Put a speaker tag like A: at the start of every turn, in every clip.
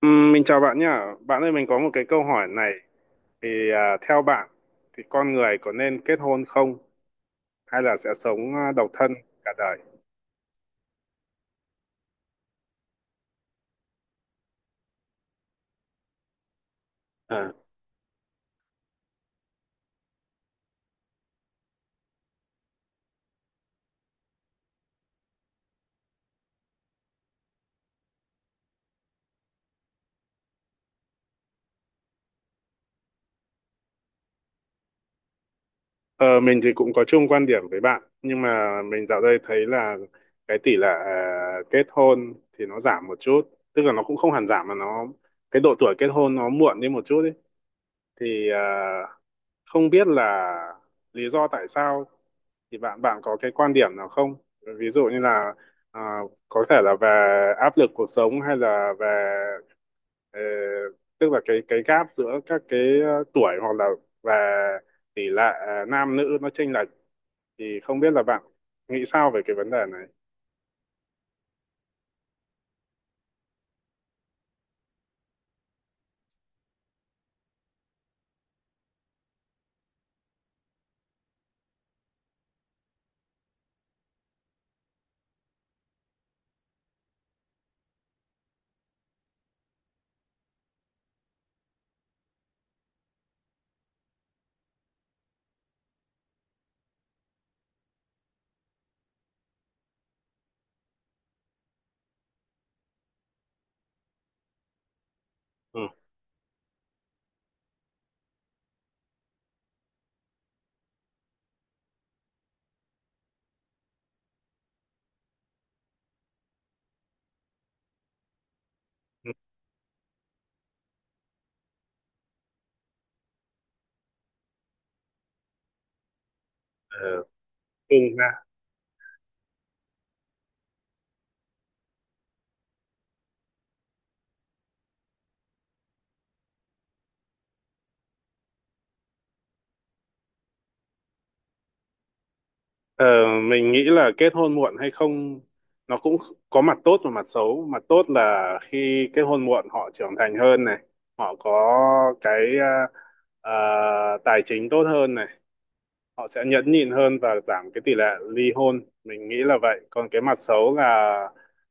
A: Mình chào bạn nhá. Bạn ơi, mình có một cái câu hỏi này. Thì theo bạn, thì con người có nên kết hôn không? Hay là sẽ sống độc thân cả đời? À. Ờ, mình thì cũng có chung quan điểm với bạn. Nhưng mà mình dạo đây thấy là cái tỷ lệ kết hôn thì nó giảm một chút. Tức là nó cũng không hẳn giảm mà nó. Cái độ tuổi kết hôn nó muộn đi một chút ý. Thì không biết là lý do tại sao thì bạn bạn có cái quan điểm nào không? Ví dụ như là à, có thể là về áp lực cuộc sống hay là về ờ, tức là cái gap giữa các cái tuổi hoặc là về tỷ lệ nam nữ nó chênh lệch. Thì không biết là bạn nghĩ sao về cái vấn đề này? Ừ. Ừ. Ờ, ừ. Ờ, mình nghĩ là kết hôn muộn hay không nó cũng có mặt tốt và mặt xấu. Mặt tốt là khi kết hôn muộn họ trưởng thành hơn này, họ có cái à, à, tài chính tốt hơn này, họ sẽ nhẫn nhịn hơn và giảm cái tỷ lệ ly hôn, mình nghĩ là vậy. Còn cái mặt xấu là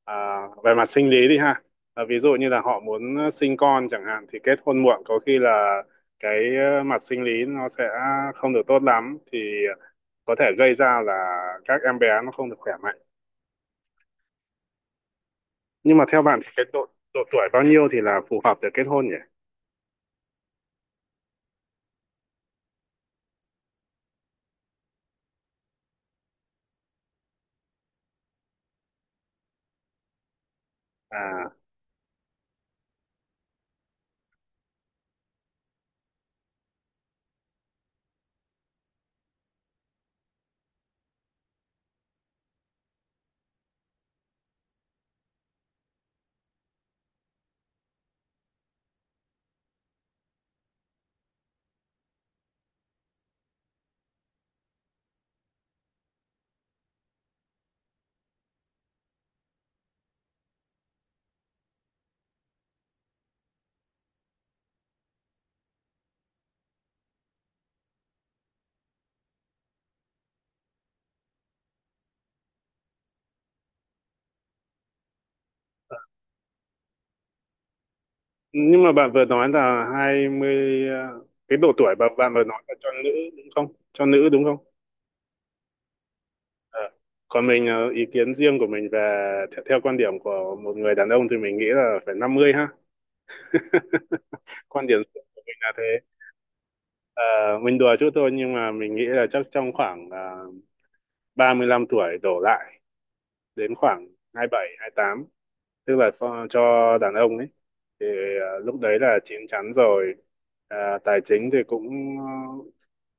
A: à, về mặt sinh lý đi ha. Ví dụ như là họ muốn sinh con chẳng hạn thì kết hôn muộn có khi là cái mặt sinh lý nó sẽ không được tốt lắm thì có thể gây ra là các em bé nó không được khỏe mạnh. Nhưng mà theo bạn thì cái độ độ tuổi bao nhiêu thì là phù hợp để kết hôn nhỉ? à nhưng mà bạn vừa nói là 20, cái độ tuổi mà bạn vừa nói là cho nữ đúng không, cho nữ đúng không? Ờ. Còn mình ý kiến riêng của mình về theo quan điểm của một người đàn ông thì mình nghĩ là phải 50 ha. Quan điểm riêng của mình là thế. Ờ, mình đùa chút thôi nhưng mà mình nghĩ là chắc trong khoảng uh, 35 tuổi đổ lại đến khoảng hai 27, 28, tức là cho đàn ông ấy thì lúc đấy là chín chắn rồi. Tài chính thì ờ,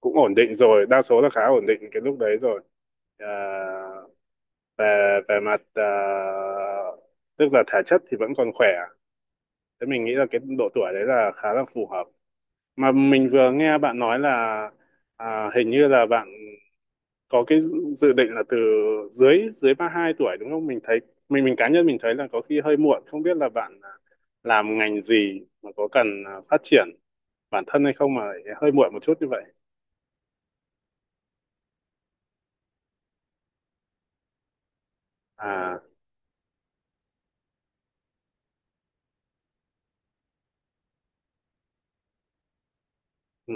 A: cũng ổn định rồi, đa số là khá ổn định cái lúc đấy rồi. Ờ, về về mặt tức là thể chất thì vẫn còn khỏe. Thế mình nghĩ là cái độ tuổi đấy là khá là phù hợp. Mà mình vừa nghe bạn nói là hình như là bạn có cái dự dự định là từ dưới dưới 32 tuổi đúng không? Mình thấy, mình cá nhân mình thấy là có khi hơi muộn. Không biết là bạn làm ngành gì mà có cần phát triển bản thân hay không mà lại hơi muộn một chút như vậy. À. Ừ,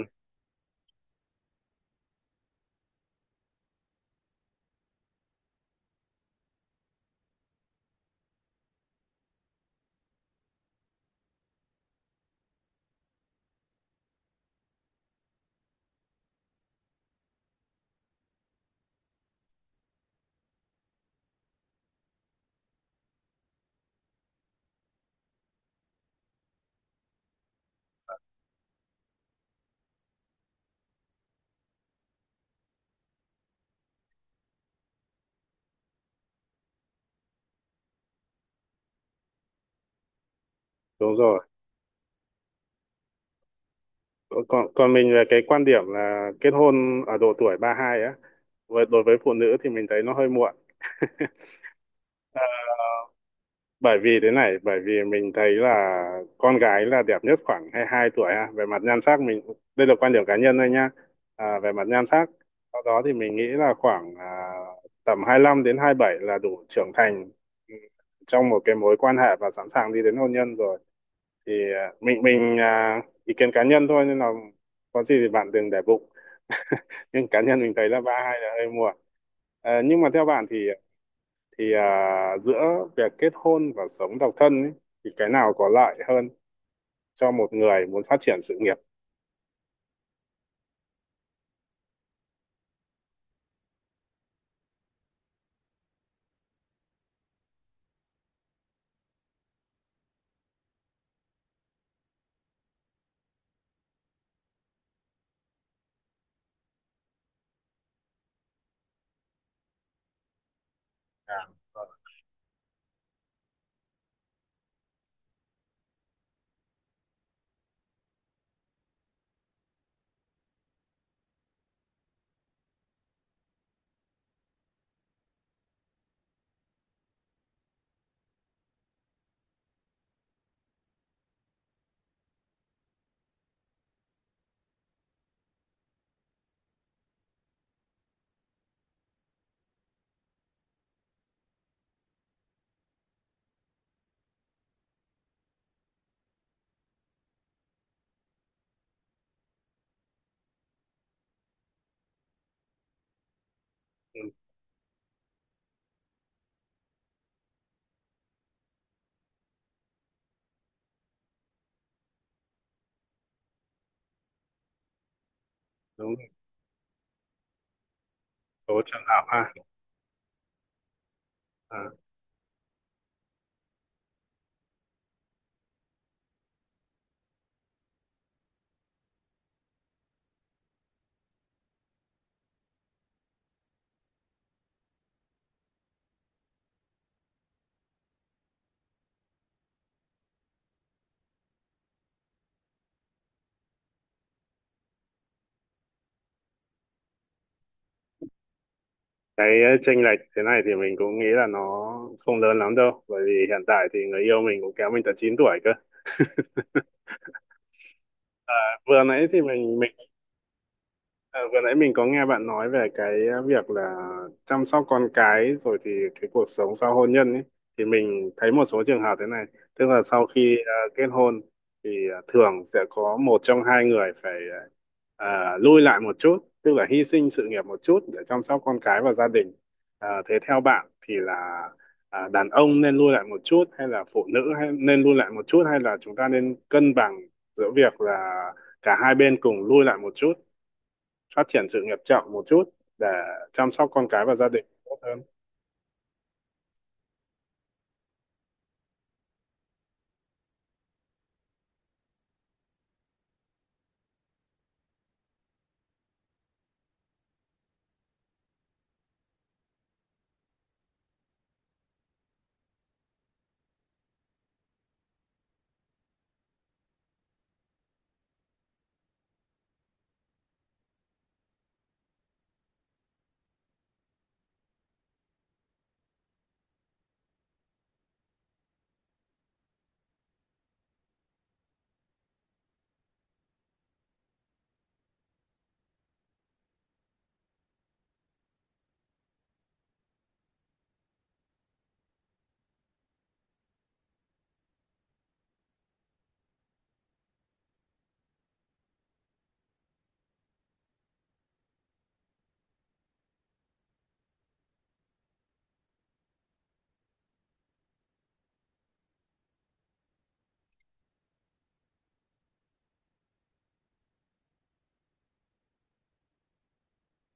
A: đúng rồi. Còn còn mình về cái quan điểm là kết hôn ở độ tuổi 32 á, với đối với phụ nữ thì mình thấy nó hơi muộn. Bởi vì thế này, bởi vì mình thấy là con gái là đẹp nhất khoảng 22 tuổi ha, về mặt nhan sắc. Mình, đây là quan điểm cá nhân thôi nha. Về mặt nhan sắc, sau đó thì mình nghĩ là khoảng tầm 25 đến 27 là đủ trưởng thành ừ, trong một cái mối quan hệ và sẵn sàng đi đến hôn nhân rồi. Thì mình ý kiến cá nhân thôi nên là có gì thì bạn đừng để bụng. Nhưng cá nhân mình thấy là 32 là hơi muộn. Nhưng mà theo bạn thì giữa việc kết hôn và sống độc thân ấy, thì cái nào có lợi hơn cho một người muốn phát triển sự nghiệp? à, vâng. Ừ, đúng rồi. Số trường hợp ha. à, cái chênh lệch thế này thì mình cũng nghĩ là nó không lớn lắm đâu, bởi vì hiện tại thì người yêu mình cũng kéo mình tận 9 tuổi cơ. Vừa nãy thì mình. Ờ, Vừa nãy mình có nghe bạn nói về cái việc là chăm sóc con cái rồi thì cái cuộc sống sau hôn nhân ấy, thì mình thấy một số trường hợp thế này, tức là sau khi kết hôn thì thường sẽ có một trong hai người phải ờ, lui lại một chút, tức là hy sinh sự nghiệp một chút để chăm sóc con cái và gia đình. Thế theo bạn thì là đàn ông nên lui lại một chút hay là phụ nữ hay nên lui lại một chút hay là chúng ta nên cân bằng giữa việc là cả hai bên cùng lui lại một chút, phát triển sự nghiệp chậm một chút để chăm sóc con cái và gia đình tốt hơn?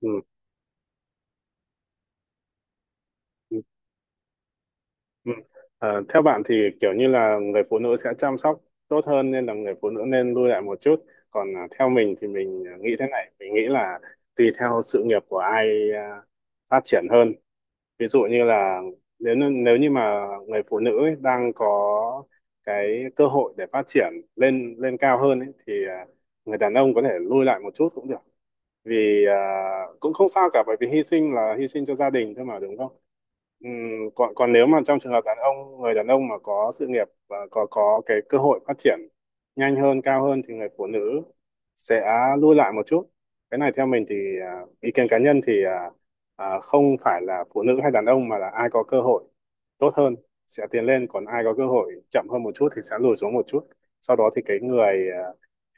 A: Ừ. Ừ. Ừ. Theo bạn thì kiểu như là người phụ nữ sẽ chăm sóc tốt hơn nên là người phụ nữ nên lui lại một chút. Còn theo mình thì mình nghĩ thế này, mình nghĩ là tùy theo sự nghiệp của ai à, phát triển hơn. Ví dụ như là nếu nếu như mà người phụ nữ ấy đang có cái cơ hội để phát triển lên lên cao hơn ấy, thì người đàn ông có thể lui lại một chút cũng được, vì cũng không sao cả, bởi vì hy sinh là hy sinh cho gia đình thôi mà đúng không? Ừm, Còn còn nếu mà trong trường hợp đàn ông, người đàn ông mà có sự nghiệp và có cái cơ hội phát triển nhanh hơn, cao hơn thì người phụ nữ sẽ lùi lại một chút. Cái này theo mình thì ý kiến cá nhân thì không phải là phụ nữ hay đàn ông mà là ai có cơ hội tốt hơn sẽ tiến lên, còn ai có cơ hội chậm hơn một chút thì sẽ lùi xuống một chút, sau đó thì cái người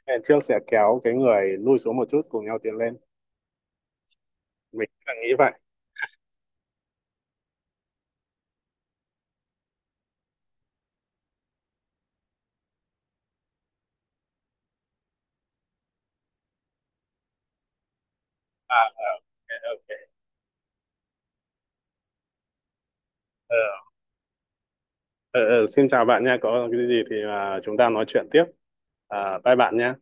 A: trước sẽ kéo cái người lùi xuống một chút cùng nhau tiến lên. Mình cũng nghĩ vậy. À, ok, ok. ờ, ờ, Xin chào bạn nha, có cái gì thì chúng ta nói chuyện tiếp. Bye bạn nha.